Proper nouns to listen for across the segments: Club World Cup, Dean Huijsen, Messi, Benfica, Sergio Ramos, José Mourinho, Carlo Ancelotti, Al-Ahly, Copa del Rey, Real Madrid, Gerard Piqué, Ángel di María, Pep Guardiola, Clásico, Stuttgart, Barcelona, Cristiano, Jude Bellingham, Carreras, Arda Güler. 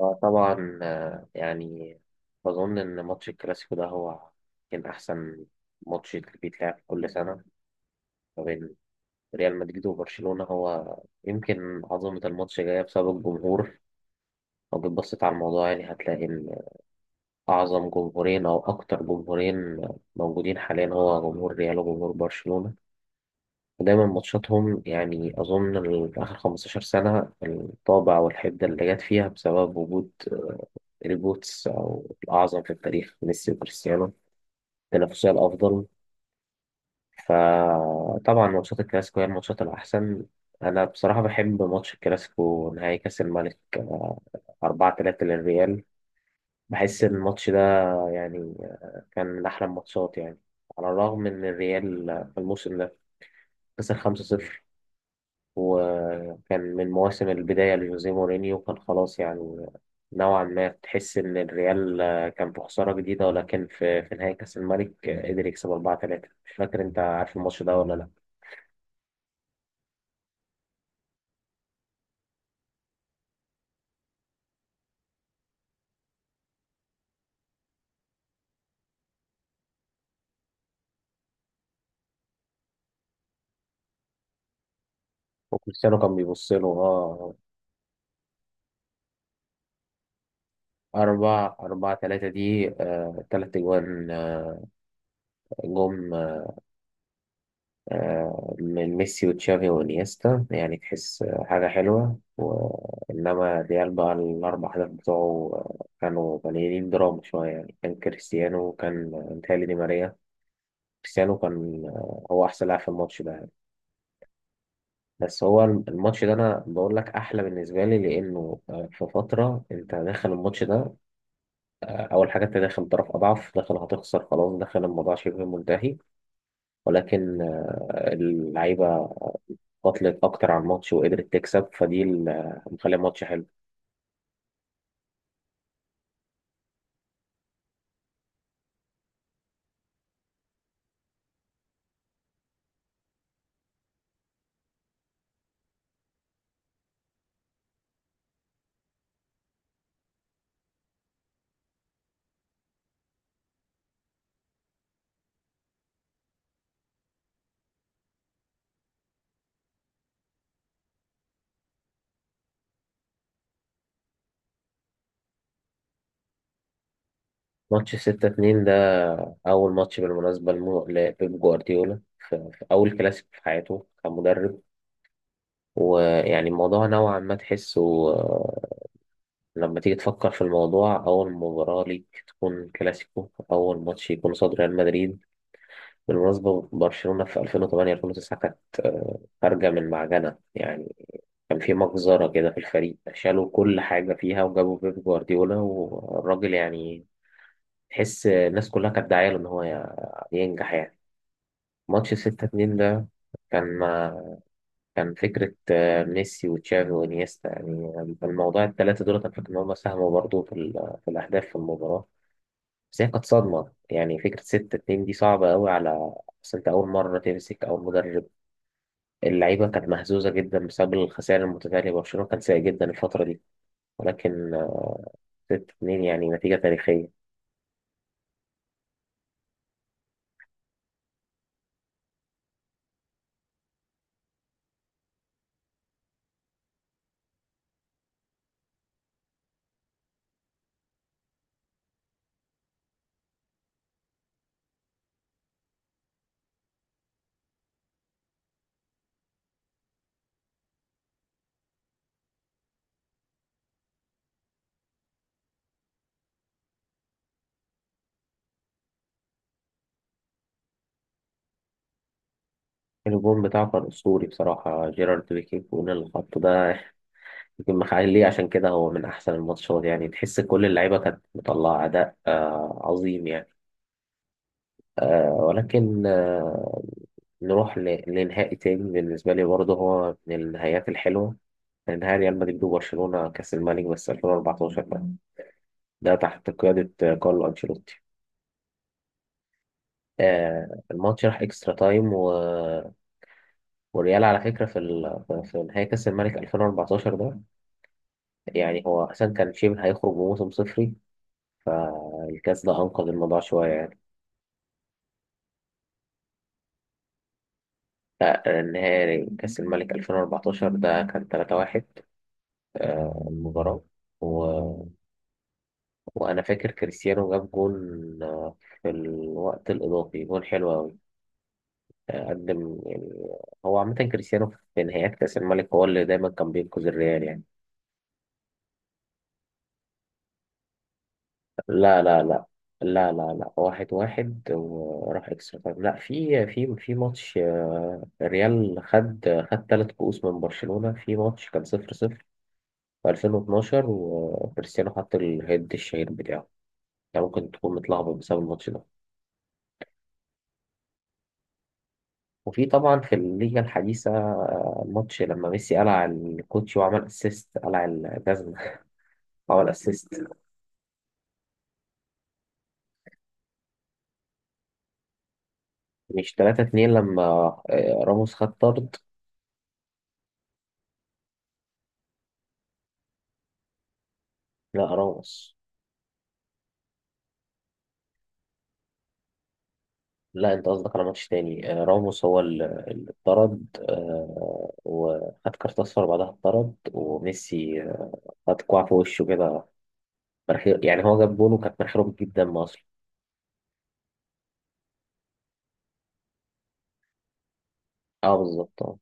طبعا، يعني بظن إن ماتش الكلاسيكو ده هو كان أحسن ماتش بيتلعب كل سنة ما بين ريال مدريد وبرشلونة. هو يمكن عظمة الماتش جاية بسبب الجمهور. لو جيت بصيت على الموضوع يعني هتلاقي إن أعظم جمهورين أو أكتر جمهورين موجودين حاليا هو جمهور ريال وجمهور برشلونة. ودايما ماتشاتهم يعني أظن آخر 15 سنة الطابع والحدة اللي جت فيها بسبب وجود ريبوتس أو الأعظم في التاريخ ميسي وكريستيانو، التنافسية الأفضل. فطبعا ماتشات الكلاسيكو هي الماتشات الأحسن. أنا بصراحة بحب ماتش الكلاسيكو نهائي كأس الملك، أربعة تلاتة للريال. بحس إن الماتش ده يعني كان من أحلى الماتشات يعني. على الرغم إن الريال في الموسم ده خسر خمسة صفر، وكان من مواسم البداية لجوزيه مورينيو، كان خلاص يعني نوعا ما تحس إن الريال كان في خسارة جديدة، ولكن في نهاية كأس الملك قدر يكسب 4-3. مش فاكر أنت عارف الماتش ده ولا لأ. وكريستيانو كان بيبص له. أه، أربعة تلاتة دي تلات أجوان، جم من ميسي وتشافي وانيستا. يعني تحس حاجة حلوة. وإنما ريال بقى الأربع أهداف بتوعه كانوا مليانين دراما شوية. يعني كان كريستيانو كان متهيألي دي ماريا. كريستيانو كان هو أحسن لاعب في الماتش ده يعني. بس هو الماتش ده أنا بقول لك أحلى بالنسبة لي، لأنه في فترة أنت داخل الماتش ده. أول حاجة أنت داخل طرف أضعف، داخل هتخسر خلاص، داخل الموضوع شبه منتهي، ولكن اللعيبة قاتلت أكتر على الماتش وقدرت تكسب، فدي اللي مخلية الماتش حلو. ماتش ستة اتنين ده أول ماتش بالمناسبة لبيب جوارديولا في أول كلاسيكو في حياته كمدرب. ويعني الموضوع نوعا ما تحسه، لما تيجي تفكر في الموضوع أول مباراة ليك تكون كلاسيكو، أول ماتش يكون قصاد ريال مدريد. بالمناسبة برشلونة في 2008 2009 كانت خارجة من معجنة يعني. كان في مجزرة كده في الفريق، شالوا كل حاجة فيها وجابوا بيب جوارديولا، والراجل يعني تحس الناس كلها كانت داعية له إن هو ينجح يعني. ماتش 6 2 ده كان كان فكرة ميسي وتشافي وإنيستا. يعني الموضوع التلاتة دول أنا فاكر إن هم ساهموا برضه في الأهداف في المباراة. بس هي كانت صدمة. يعني فكرة 6 2 دي صعبة أوي على، بس أنت أول مرة تمسك، أول مدرب. اللعيبة كانت مهزوزة جدا بسبب الخسائر المتتالية. برشلونة كان سيء جدا الفترة دي، ولكن ستة اتنين يعني نتيجة تاريخية. الجون بتاعه كان أسطوري بصراحة، جيرارد بيكي فوق اللي حطه ده، يمكن مخليه عشان كده هو من أحسن الماتشات. يعني تحس كل اللعيبة كانت مطلعة أداء آه عظيم يعني. آه ولكن آه نروح لنهائي تاني. بالنسبة لي برضه هو من النهايات الحلوة. كان نهائي ريال مدريد وبرشلونة كأس الملك، بس 2014 ده ده تحت قيادة كارلو أنشيلوتي. آه الماتش راح إكسترا تايم. والريال على فكرة في في نهائي كأس الملك 2014 ده، يعني هو أساسا كان شبه هيخرج بموسم صفري، فالكأس ده أنقذ الموضوع شوية يعني. لا، النهائي كأس الملك 2014 ده كان 3-1. المباراة و... وأنا فاكر كريستيانو جاب جون آه، في الوقت الإضافي، جون حلو أوي. قدم يعني. هو عامة كريستيانو في نهايات كأس الملك هو اللي دايما كان بينقذ الريال يعني. لا لا لا لا، واحد واحد وراح اكسترا تايم. لا، في ماتش الريال خد ثلاث كؤوس من برشلونة. في ماتش كان صفر صفر في 2012 وكريستيانو حط الهيد الشهير بتاعه. يعني ممكن تكون متلخبط بسبب الماتش ده. وفي طبعا في الليجا الحديثة ماتش لما ميسي قلع الكوتشي وعمل اسيست، قلع الجزمة، عمل اسيست. مش 3 2 لما راموس خد طرد؟ لا راموس، لا انت قصدك على ماتش تاني. راموس هو اللي اتطرد، وخد كارت اصفر بعدها اتطرد. وميسي خد كوع في وشه كده، مناخير. يعني هو جاب جون وكانت مناخيره بتجيب دم اصلا. اه، بالظبط اه.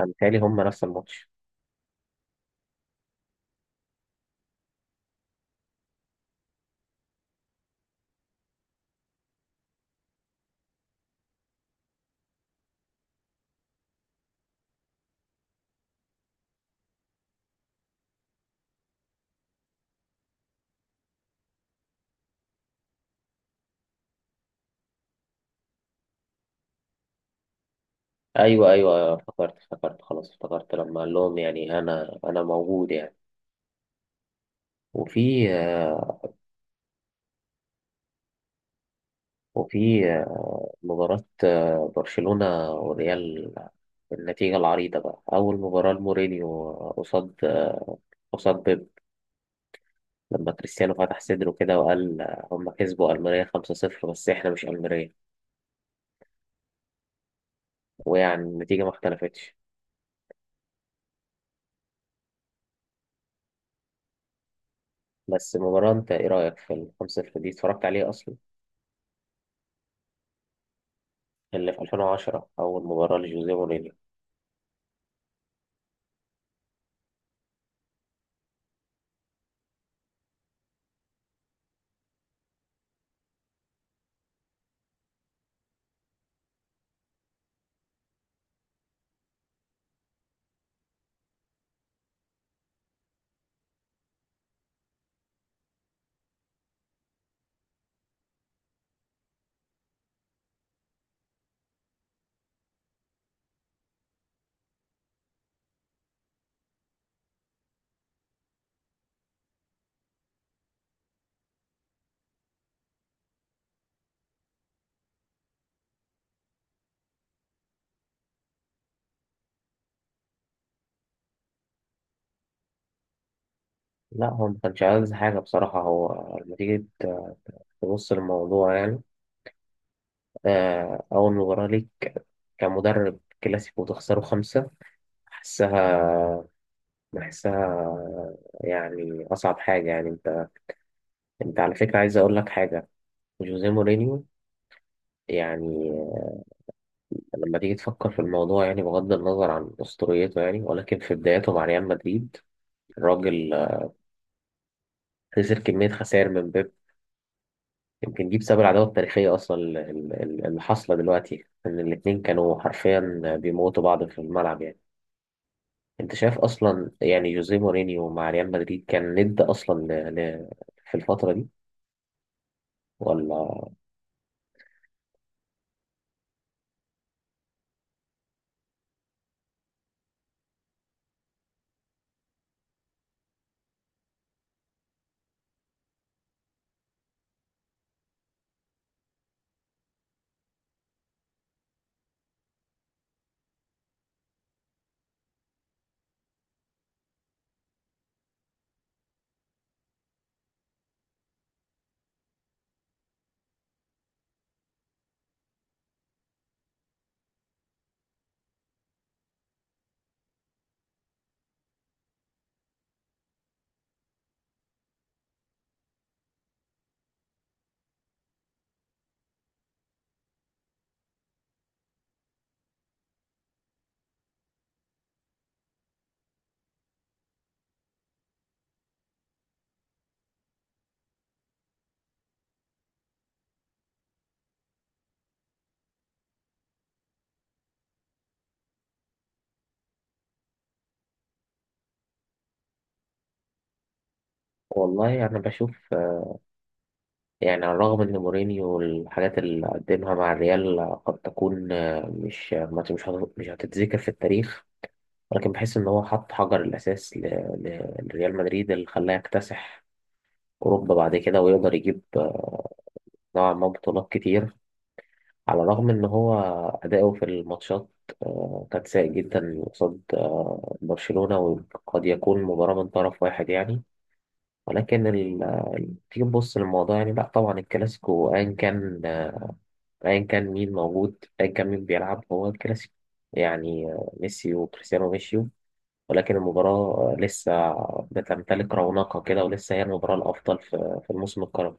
انا متهيألي هم نفس الماتش. ايوه ايوه ايوه، افتكرت، افتكرت خلاص افتكرت، لما قال لهم يعني انا موجود يعني. وفي آه، وفي مباراة برشلونة وريال، النتيجة العريضة بقى أول مباراة لمورينيو قصاد بيب، لما كريستيانو فتح صدره كده وقال هم كسبوا ألمانيا 5-0 بس إحنا مش ألمانيا. ويعني النتيجة ما اختلفتش. بس المباراة، أنت إيه رأيك في ال 5-0 دي؟ اتفرجت عليه أصلا؟ اللي في 2010 أول مباراة لجوزيه مورينيو. لا هو ما كانش عايز حاجة بصراحة. هو لما تيجي تبص للموضوع يعني، أول مباراة ليك كمدرب كلاسيكو وتخسره خمسة، بحسها، بحسها يعني أصعب حاجة. يعني أنت على فكرة عايز أقول لك حاجة. جوزيه مورينيو يعني لما تيجي تفكر في الموضوع، يعني بغض النظر عن أسطوريته يعني، ولكن في بداياته مع ريال مدريد الراجل خسر كمية خسائر من بيب. يمكن دي بسبب العداوة التاريخية أصلا اللي حاصلة دلوقتي، إن الاتنين كانوا حرفيا بيموتوا بعض في الملعب يعني. أنت شايف أصلا يعني جوزيه مورينيو مع ريال مدريد كان ند أصلا في الفترة دي، ولا؟ والله أنا بشوف يعني، على الرغم ان مورينيو الحاجات اللي قدمها مع الريال قد تكون، آه، مش آه، ما- مش هت- مش هتتذكر في التاريخ، ولكن بحس ان هو حط حجر الاساس لريال مدريد اللي خلاه يكتسح اوروبا بعد كده، ويقدر يجيب نوعا ما بطولات كتير. على الرغم ان هو اداؤه في الماتشات كان سيء جدا قصاد برشلونة، وقد يكون مباراة من طرف واحد يعني. ولكن تيجي تبص للموضوع يعني، لا طبعا الكلاسيكو ايا كان، ايا كان مين موجود، ايا كان مين بيلعب، هو الكلاسيكو. يعني ميسي وكريستيانو مشيوا، ولكن المباراة لسه بتمتلك رونقها كده، ولسه هي المباراة الأفضل في الموسم القادم.